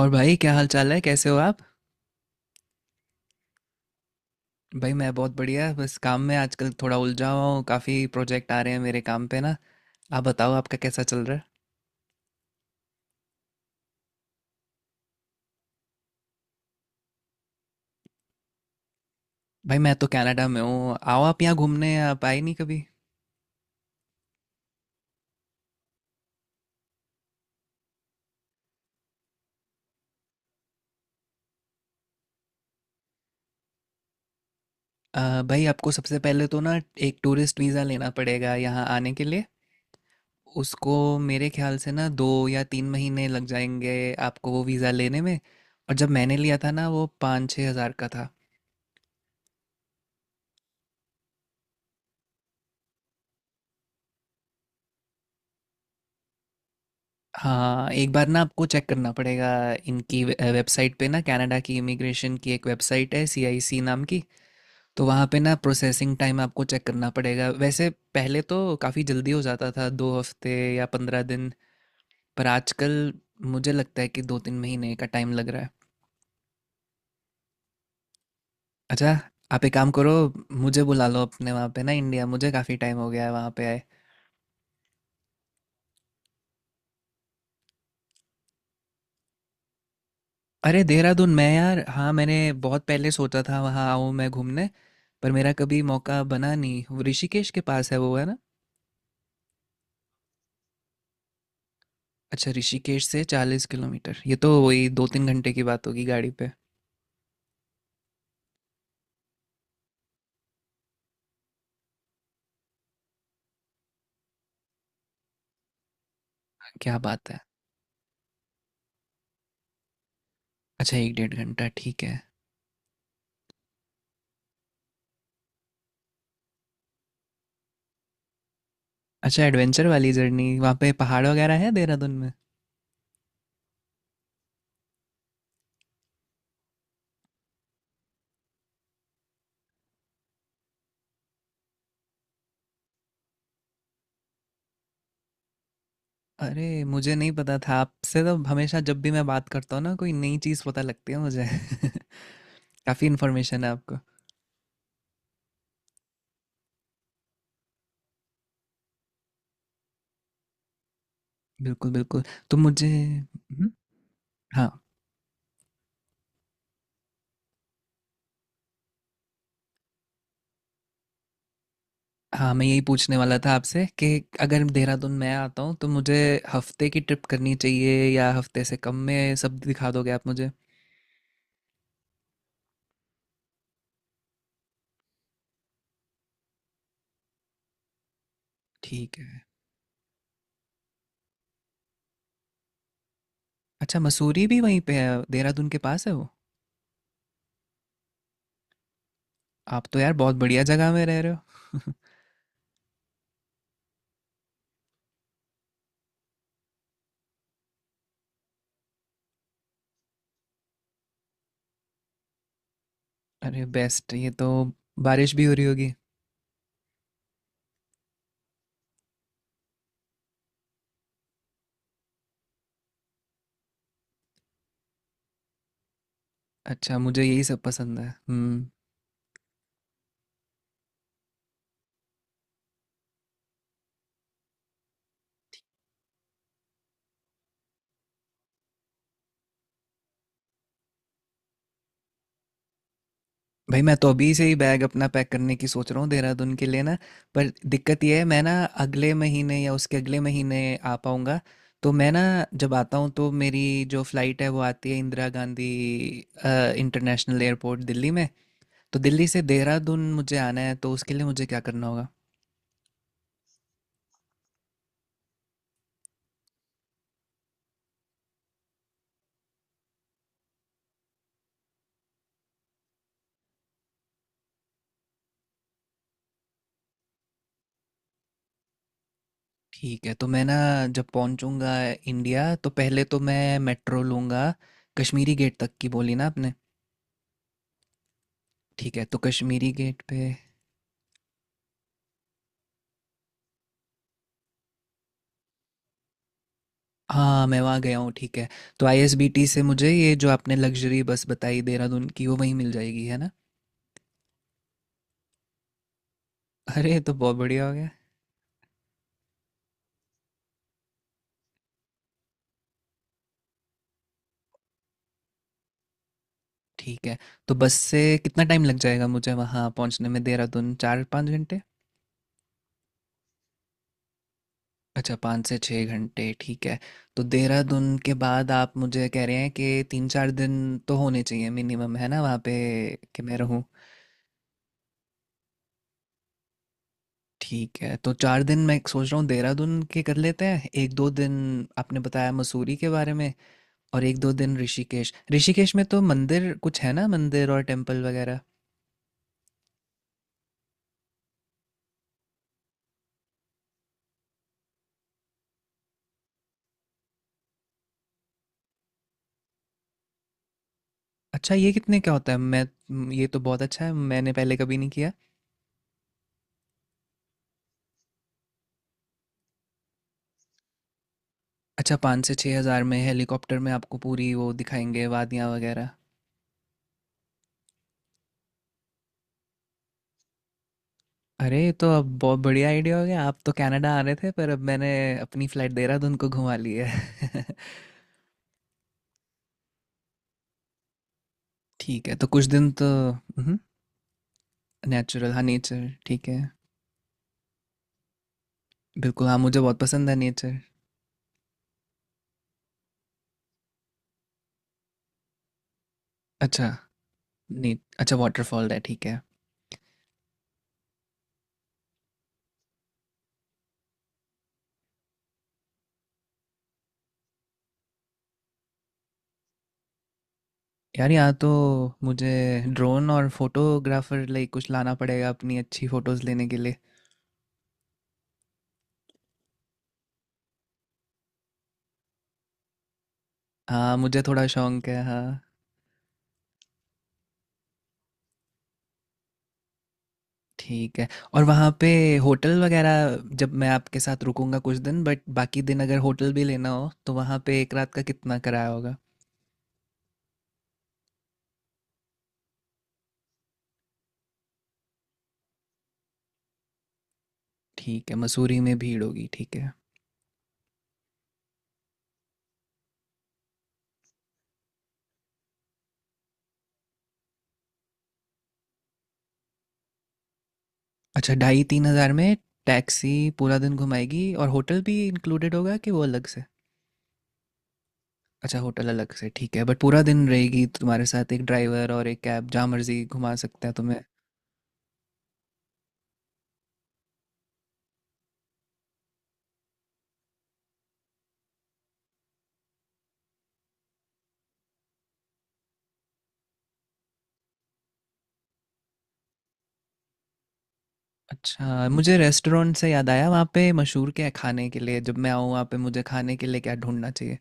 और भाई क्या हाल चाल है, कैसे हो आप? भाई मैं बहुत बढ़िया, बस काम में आजकल थोड़ा उलझा हुआ हूँ। काफ़ी प्रोजेक्ट आ रहे हैं मेरे काम पे ना। आप बताओ आपका कैसा चल रहा है? भाई मैं तो कनाडा में हूँ। आओ आप यहाँ घूमने, आप आए नहीं कभी। भाई आपको सबसे पहले तो ना एक टूरिस्ट वीज़ा लेना पड़ेगा यहाँ आने के लिए। उसको मेरे ख्याल से ना 2 या 3 महीने लग जाएंगे आपको वो वीज़ा लेने में। और जब मैंने लिया था ना, वो 5-6 हज़ार का था। हाँ, एक बार ना आपको चेक करना पड़ेगा इनकी वेबसाइट पे ना। कनाडा की इमिग्रेशन की एक वेबसाइट है, सीआईसी नाम की। तो वहाँ पे ना प्रोसेसिंग टाइम आपको चेक करना पड़ेगा। वैसे पहले तो काफ़ी जल्दी हो जाता था, 2 हफ्ते या 15 दिन। पर आजकल मुझे लगता है कि 2-3 महीने का टाइम लग रहा है। अच्छा, आप एक काम करो, मुझे बुला लो अपने वहाँ पे ना इंडिया। मुझे काफ़ी टाइम हो गया है वहाँ पे आए। अरे देहरादून! मैं यार, हाँ मैंने बहुत पहले सोचा था वहाँ आऊँ मैं घूमने। पर मेरा कभी मौका बना नहीं। वो ऋषिकेश के पास है वो, है ना? अच्छा, ऋषिकेश से 40 किलोमीटर। ये तो वही 2-3 घंटे की बात होगी गाड़ी पे। क्या बात है! अच्छा, एक डेढ़ घंटा, ठीक है। अच्छा, एडवेंचर वाली जर्नी। वहाँ पे पहाड़ वगैरह है देहरादून में? अरे, मुझे नहीं पता था। आपसे तो हमेशा जब भी मैं बात करता हूँ ना कोई नई चीज़ पता लगती है मुझे। काफ़ी इन्फॉर्मेशन है आपको। बिल्कुल बिल्कुल। तो मुझे हाँ हाँ, मैं यही पूछने वाला था आपसे कि अगर देहरादून मैं आता हूँ तो मुझे हफ्ते की ट्रिप करनी चाहिए, या हफ्ते से कम में सब दिखा दोगे आप मुझे? ठीक है। अच्छा, मसूरी भी वहीं पे है, देहरादून के पास है वो? आप तो यार बहुत बढ़िया जगह में रह रहे हो। अरे बेस्ट! ये तो, बारिश भी हो रही होगी। अच्छा, मुझे यही सब पसंद है। हम्म। भाई मैं तो अभी से ही बैग अपना पैक करने की सोच रहा हूँ देहरादून के लिए ना। पर दिक्कत यह है, मैं ना अगले महीने या उसके अगले महीने आ पाऊँगा। तो मैं ना, जब आता हूँ तो मेरी जो फ़्लाइट है वो आती है इंदिरा गांधी अ, इंटरनेशनल एयरपोर्ट, दिल्ली में। तो दिल्ली से देहरादून मुझे आना है, तो उसके लिए मुझे क्या करना होगा? ठीक है। तो मैं ना, जब पहुँचूँगा इंडिया तो पहले तो मैं मेट्रो लूँगा। कश्मीरी गेट तक की बोली ना आपने। ठीक है, तो कश्मीरी गेट पे। हाँ, मैं वहाँ गया हूँ, ठीक है। तो आईएसबीटी से मुझे ये जो आपने लग्जरी बस बताई देहरादून की, वो वहीं मिल जाएगी, है ना? अरे, ये तो बहुत बढ़िया हो गया। ठीक है, तो बस से कितना टाइम लग जाएगा मुझे वहाँ पहुँचने में देहरादून, 4-5 घंटे? अच्छा, 5 से 6 घंटे, ठीक है। तो देहरादून के बाद आप मुझे कह रहे हैं कि 3-4 दिन तो होने चाहिए मिनिमम, है ना वहाँ पे कि मैं रहूँ? ठीक है, तो 4 दिन मैं सोच रहा हूँ देहरादून के कर लेते हैं। 1-2 दिन आपने बताया मसूरी के बारे में, और 1-2 दिन ऋषिकेश। ऋषिकेश में तो मंदिर कुछ है ना, मंदिर और टेंपल वगैरह? अच्छा, ये कितने का होता है? मैं, ये तो बहुत अच्छा है, मैंने पहले कभी नहीं किया। अच्छा, 5 से 6,000 में हेलीकॉप्टर में आपको पूरी वो दिखाएँगे वादियाँ वगैरह। अरे! ये तो अब बहुत बढ़िया आइडिया हो गया। आप तो कनाडा आ रहे थे, पर अब मैंने अपनी फ्लाइट देहरादून को घुमा ली है। ठीक है, तो कुछ दिन तो, उहुँ, नेचुरल, हाँ, नेचर, ठीक है। बिल्कुल, हाँ मुझे बहुत पसंद है नेचर। अच्छा, ने अच्छा वॉटरफॉल है, ठीक है। यार, यहाँ तो मुझे ड्रोन और फोटोग्राफर लाइक कुछ लाना पड़ेगा अपनी अच्छी फोटोज लेने के लिए। हाँ, मुझे थोड़ा शौक है, हाँ। ठीक है। और वहाँ पे होटल वगैरह, जब मैं आपके साथ रुकूंगा कुछ दिन बट बाकी दिन अगर होटल भी लेना हो, तो वहाँ पे एक रात का कितना किराया होगा? ठीक है, मसूरी में भीड़ होगी, ठीक है। अच्छा, 2.5-3 हज़ार में टैक्सी पूरा दिन घुमाएगी, और होटल भी इंक्लूडेड होगा कि वो अलग से? अच्छा, होटल अलग से, ठीक है। बट पूरा दिन रहेगी तो तुम्हारे साथ एक ड्राइवर और एक कैब, जहाँ मर्जी घुमा सकता है तुम्हें। अच्छा, मुझे रेस्टोरेंट से याद आया, वहाँ पे मशहूर क्या है खाने के लिए, जब मैं आऊँ वहाँ पे मुझे खाने के लिए क्या ढूंढना चाहिए?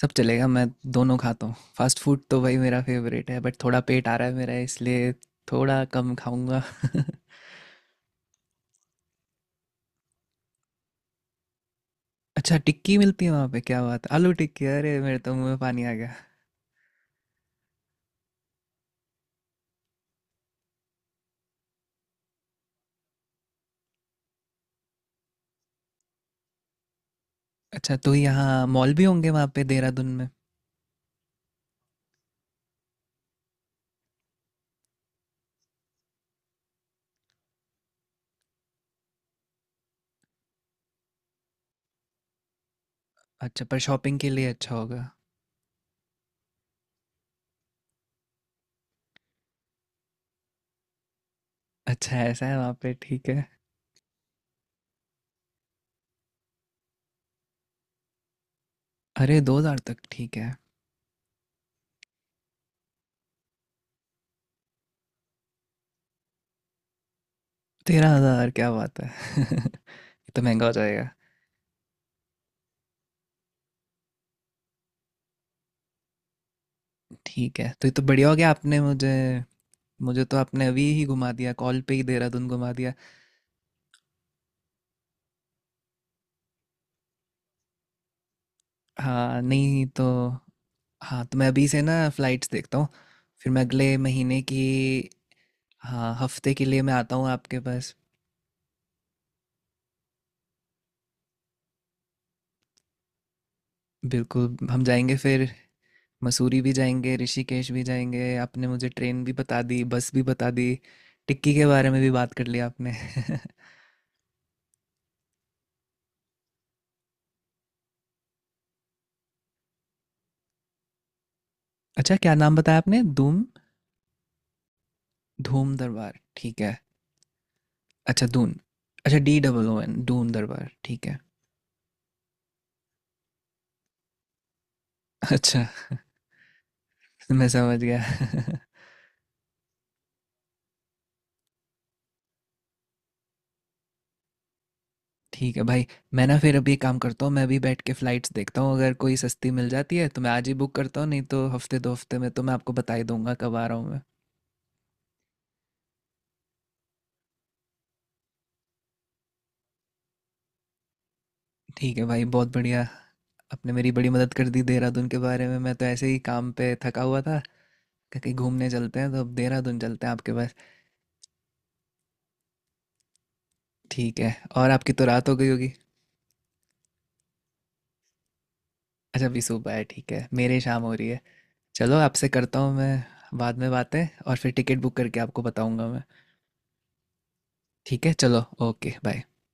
सब चलेगा, मैं दोनों खाता हूँ। फास्ट फूड तो भाई मेरा फेवरेट है, बट थोड़ा पेट आ रहा है मेरा, इसलिए थोड़ा कम खाऊंगा। अच्छा, टिक्की मिलती है वहाँ पे, क्या बात है! आलू टिक्की, अरे मेरे तो मुंह में पानी आ गया। अच्छा, तो यहाँ मॉल भी होंगे वहाँ पे देहरादून में? अच्छा, पर शॉपिंग के लिए अच्छा होगा। अच्छा, ऐसा है वहाँ पे, ठीक है। अरे, 2 हजार तक ठीक है। 13 हजार, क्या बात है! ये तो महंगा हो जाएगा। ठीक है, तो ये तो बढ़िया हो गया आपने मुझे। मुझे तो आपने अभी ही घुमा दिया, कॉल पे ही देहरादून घुमा दिया। हाँ, नहीं तो। हाँ, तो मैं अभी से ना फ्लाइट्स देखता हूँ। फिर मैं अगले महीने की, हाँ, हफ्ते के लिए मैं आता हूँ आपके पास। बिल्कुल, हम जाएंगे फिर। मसूरी भी जाएंगे, ऋषिकेश भी जाएंगे। आपने मुझे ट्रेन भी बता दी, बस भी बता दी, टिक्की के बारे में भी बात कर लिया आपने। अच्छा, क्या नाम बताया आपने, धूम? धूम दरबार, ठीक है। अच्छा दून। अच्छा, DOON, दून दरबार, ठीक है। अच्छा, मैं समझ गया। ठीक है भाई। मैं ना फिर अभी एक काम करता हूँ, मैं अभी बैठ के फ़्लाइट्स देखता हूँ, अगर कोई सस्ती मिल जाती है तो मैं आज ही बुक करता हूँ, नहीं तो हफ्ते दो हफ्ते में तो मैं आपको बता ही दूंगा कब आ रहा हूँ मैं। ठीक है भाई, बहुत बढ़िया। आपने मेरी बड़ी मदद कर दी देहरादून के बारे में। मैं तो ऐसे ही काम पे थका हुआ था, कहा कहीं घूमने चलते हैं, तो अब देहरादून चलते हैं आपके पास। ठीक है। और आपकी तो रात हो गई होगी। अच्छा, अभी सुबह है, ठीक है, मेरे शाम हो रही है। चलो, आपसे करता हूँ मैं बाद में बातें, और फिर टिकट बुक करके आपको बताऊंगा मैं। ठीक है, चलो, ओके बाय।